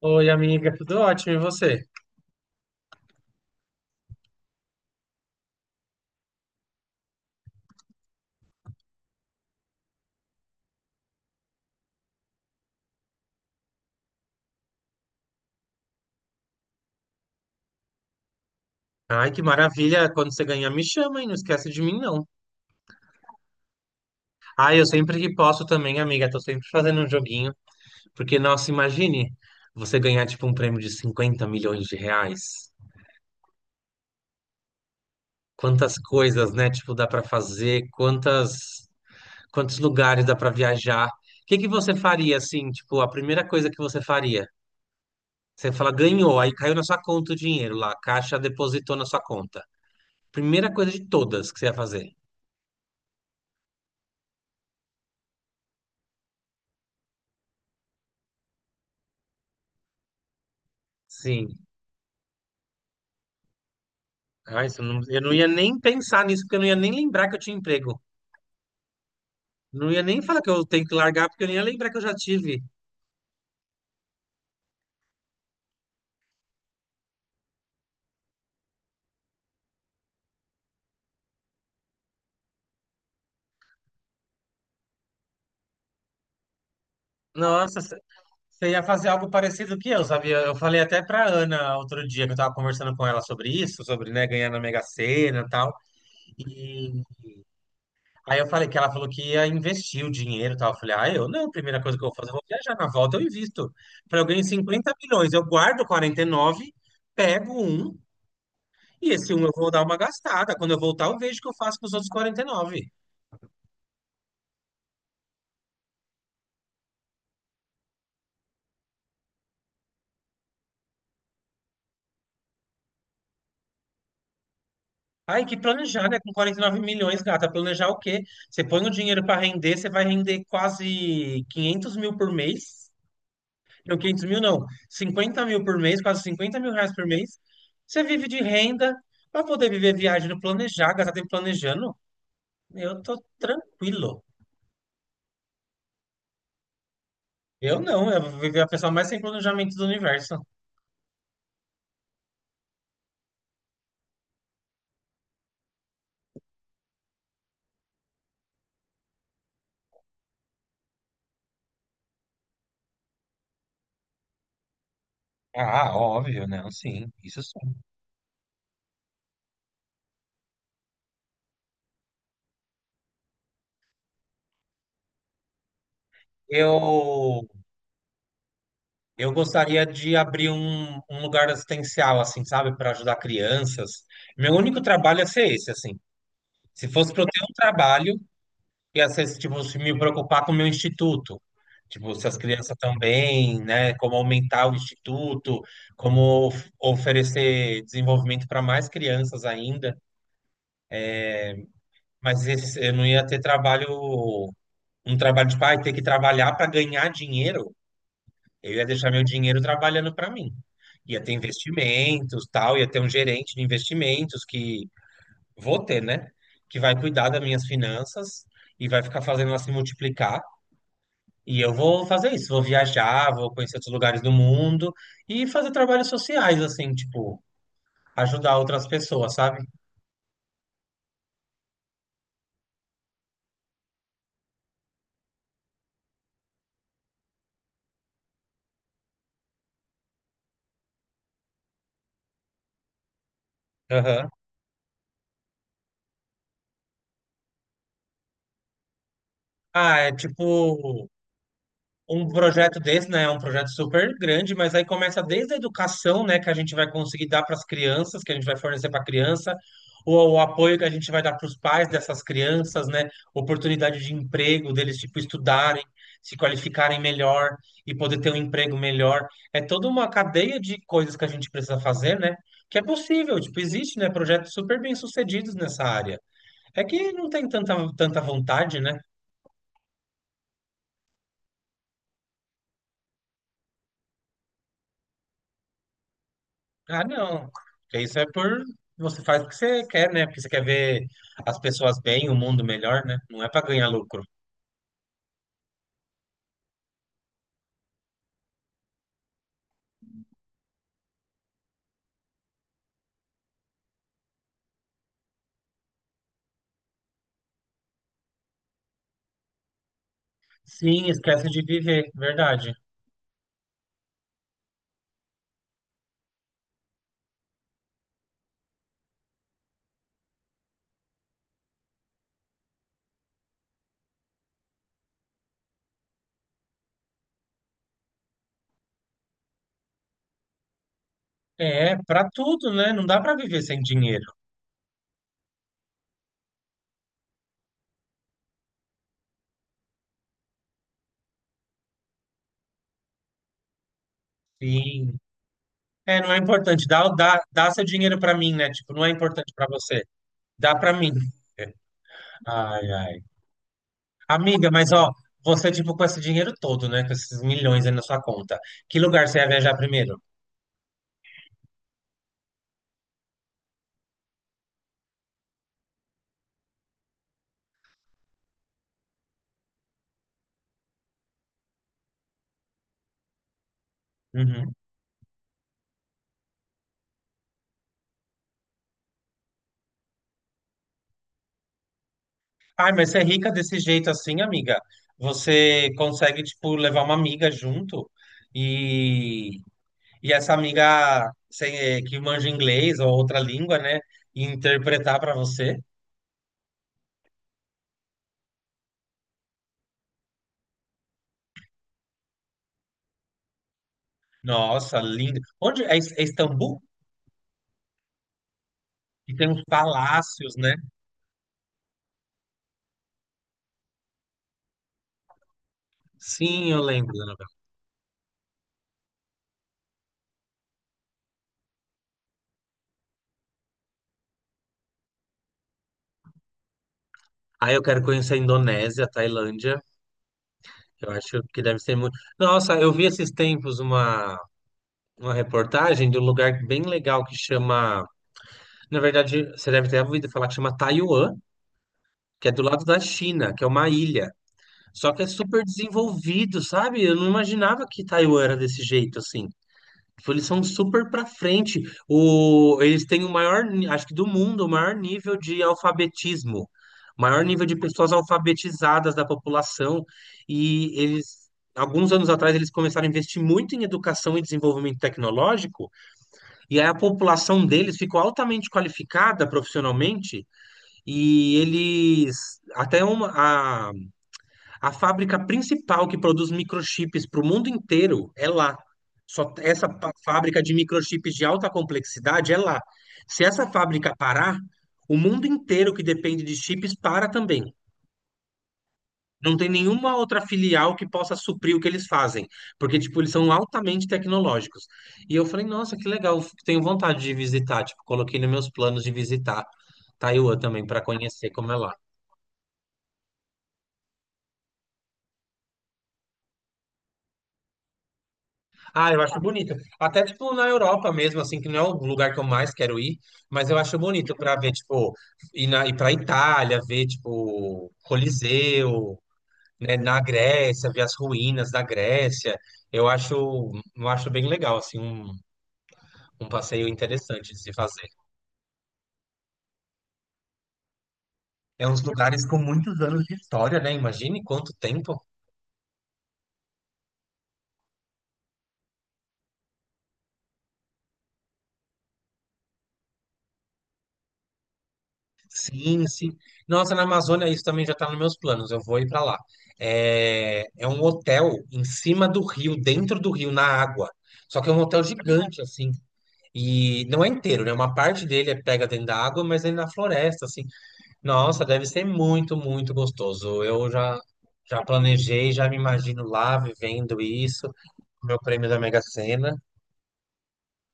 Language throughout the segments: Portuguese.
Oi, amiga, tudo ótimo, e você? Ai, que maravilha! Quando você ganhar, me chama, hein? Não esquece de mim, não. Ai, eu sempre que posso também, amiga, tô sempre fazendo um joguinho. Porque, nossa, imagine você ganhar, tipo, um prêmio de 50 milhões de reais. Quantas coisas, né? Tipo, dá pra fazer, quantos lugares dá pra viajar. O que que você faria, assim, tipo, a primeira coisa que você faria? Você fala, ganhou, aí caiu na sua conta o dinheiro lá, a Caixa depositou na sua conta. Primeira coisa de todas que você ia fazer. Sim. Ah, eu não ia nem pensar nisso, porque eu não ia nem lembrar que eu tinha emprego. Não ia nem falar que eu tenho que largar, porque eu nem ia lembrar que eu já tive. Nossa, você ia fazer algo parecido que eu, sabia? Eu falei até pra Ana outro dia, que eu tava conversando com ela sobre isso, sobre, né, ganhar na Mega Sena e tal. E aí eu falei que ela falou que ia investir o dinheiro e tal. Eu falei, ah, eu não, a primeira coisa que eu vou fazer, eu vou viajar na volta, eu invisto. Falei, eu ganho 50 milhões, eu guardo 49, pego um. E esse um eu vou dar uma gastada. Quando eu voltar, eu vejo o que eu faço com os outros 49. Ai, que planejar, né? Com 49 milhões, gata. Planejar o quê? Você põe o dinheiro para render, você vai render quase 500 mil por mês. Não, 500 mil não. 50 mil por mês, quase 50 mil reais por mês. Você vive de renda para poder viver viagem no planejar, gastar tempo planejando. Eu tô tranquilo. Eu não, eu vou viver a pessoa mais sem planejamento do universo. Ah, óbvio, não, sim, isso sim. Eu Eu gostaria de abrir um lugar assistencial, assim, sabe, para ajudar crianças. Meu único trabalho ia ser esse, assim. Se fosse para eu ter um trabalho, ia ser, tipo, se me preocupar com o meu instituto. Tipo, se as crianças estão bem, né? Como aumentar o instituto, como oferecer desenvolvimento para mais crianças ainda. Eu não ia ter trabalho, um trabalho de pai, ter que trabalhar para ganhar dinheiro. Eu ia deixar meu dinheiro trabalhando para mim. Ia ter investimentos, tal, ia ter um gerente de investimentos que vou ter, né? Que vai cuidar das minhas finanças e vai ficar fazendo ela se multiplicar. E eu vou fazer isso, vou viajar, vou conhecer outros lugares do mundo e fazer trabalhos sociais, assim, tipo, ajudar outras pessoas, sabe? Aham. Ah, é tipo um projeto desse, né, é um projeto super grande, mas aí começa desde a educação, né, que a gente vai conseguir dar para as crianças, que a gente vai fornecer para a criança, ou o apoio que a gente vai dar para os pais dessas crianças, né, oportunidade de emprego deles, tipo, estudarem, se qualificarem melhor e poder ter um emprego melhor. É toda uma cadeia de coisas que a gente precisa fazer, né, que é possível, tipo, existe, né, projetos super bem-sucedidos nessa área. É que não tem tanta vontade, né? Ah, não. Porque isso é por. Você faz o que você quer, né? Porque você quer ver as pessoas bem, o mundo melhor, né? Não é pra ganhar lucro. Sim, esquece de viver, verdade. É, pra tudo, né? Não dá pra viver sem dinheiro. Sim. É, não é importante. Dá seu dinheiro pra mim, né? Tipo, não é importante pra você. Dá pra mim. Ai, ai. Amiga, mas ó, você, tipo, com esse dinheiro todo, né? Com esses milhões aí na sua conta. Que lugar você ia viajar primeiro? Uhum. Ai, mas você é rica desse jeito assim, amiga. Você consegue, tipo, levar uma amiga junto e, e essa amiga que manja inglês ou outra língua, né? E interpretar para você. Nossa, lindo. Onde é, é Istambul? E tem uns palácios, né? Sim, eu lembro da novela. Ah, eu quero conhecer a Indonésia, a Tailândia. Eu acho que deve ser muito. Nossa, eu vi esses tempos uma reportagem de um lugar bem legal que chama. Na verdade, você deve ter ouvido falar que chama Taiwan, que é do lado da China, que é uma ilha. Só que é super desenvolvido, sabe? Eu não imaginava que Taiwan era desse jeito, assim. Tipo, eles são super pra frente. O... Eles têm o maior, acho que do mundo, o maior nível de alfabetismo, o maior nível de pessoas alfabetizadas da população. E eles, alguns anos atrás, eles começaram a investir muito em educação e desenvolvimento tecnológico. E aí a população deles ficou altamente qualificada profissionalmente e eles, até uma, a fábrica principal que produz microchips para o mundo inteiro é lá. Só essa fábrica de microchips de alta complexidade é lá. Se essa fábrica parar, o mundo inteiro que depende de chips para também. Não tem nenhuma outra filial que possa suprir o que eles fazem, porque tipo, eles são altamente tecnológicos. E eu falei, nossa, que legal, tenho vontade de visitar, tipo, coloquei nos meus planos de visitar Taiwan também para conhecer como é lá. Ah, eu acho bonito. Até, tipo, na Europa mesmo, assim, que não é o lugar que eu mais quero ir, mas eu acho bonito pra ver, tipo, ir pra Itália, ver, tipo, Coliseu, né, na Grécia, ver as ruínas da Grécia. Eu acho, eu acho bem legal, assim, um passeio interessante de se fazer. É uns lugares com muitos anos de história, né? Imagine quanto tempo. Sim. Nossa, na Amazônia isso também já está nos meus planos. Eu vou ir para lá. É, é um hotel em cima do rio, dentro do rio, na água. Só que é um hotel gigante, assim. E não é inteiro, né? Uma parte dele é pega dentro da água, mas ele na floresta, assim. Nossa, deve ser muito gostoso. Já planejei, já me imagino lá vivendo isso. Meu prêmio da Mega Sena.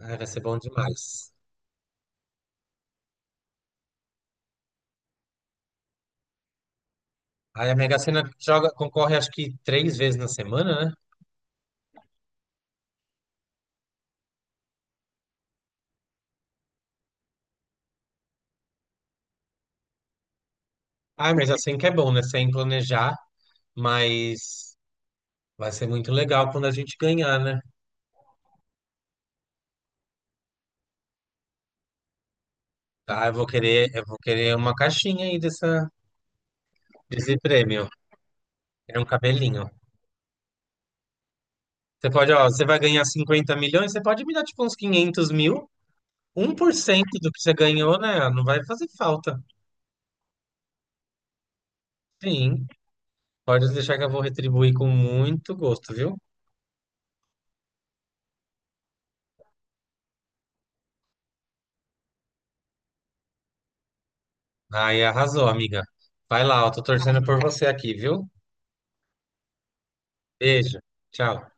Ai, vai ser bom demais. Aí a Mega Sena joga, concorre acho que três vezes na semana, né? Ah, mas assim que é bom, né? Sem planejar, mas vai ser muito legal quando a gente ganhar, né? Ah, eu vou querer uma caixinha aí dessa, desse prêmio. É um cabelinho. Você pode, ó, você vai ganhar 50 milhões, você pode me dar tipo uns 500 mil, 1% do que você ganhou, né? Não vai fazer falta. Sim, pode deixar que eu vou retribuir com muito gosto, viu? Aí arrasou, amiga. Vai lá, eu tô torcendo por você aqui, viu? Beijo, tchau.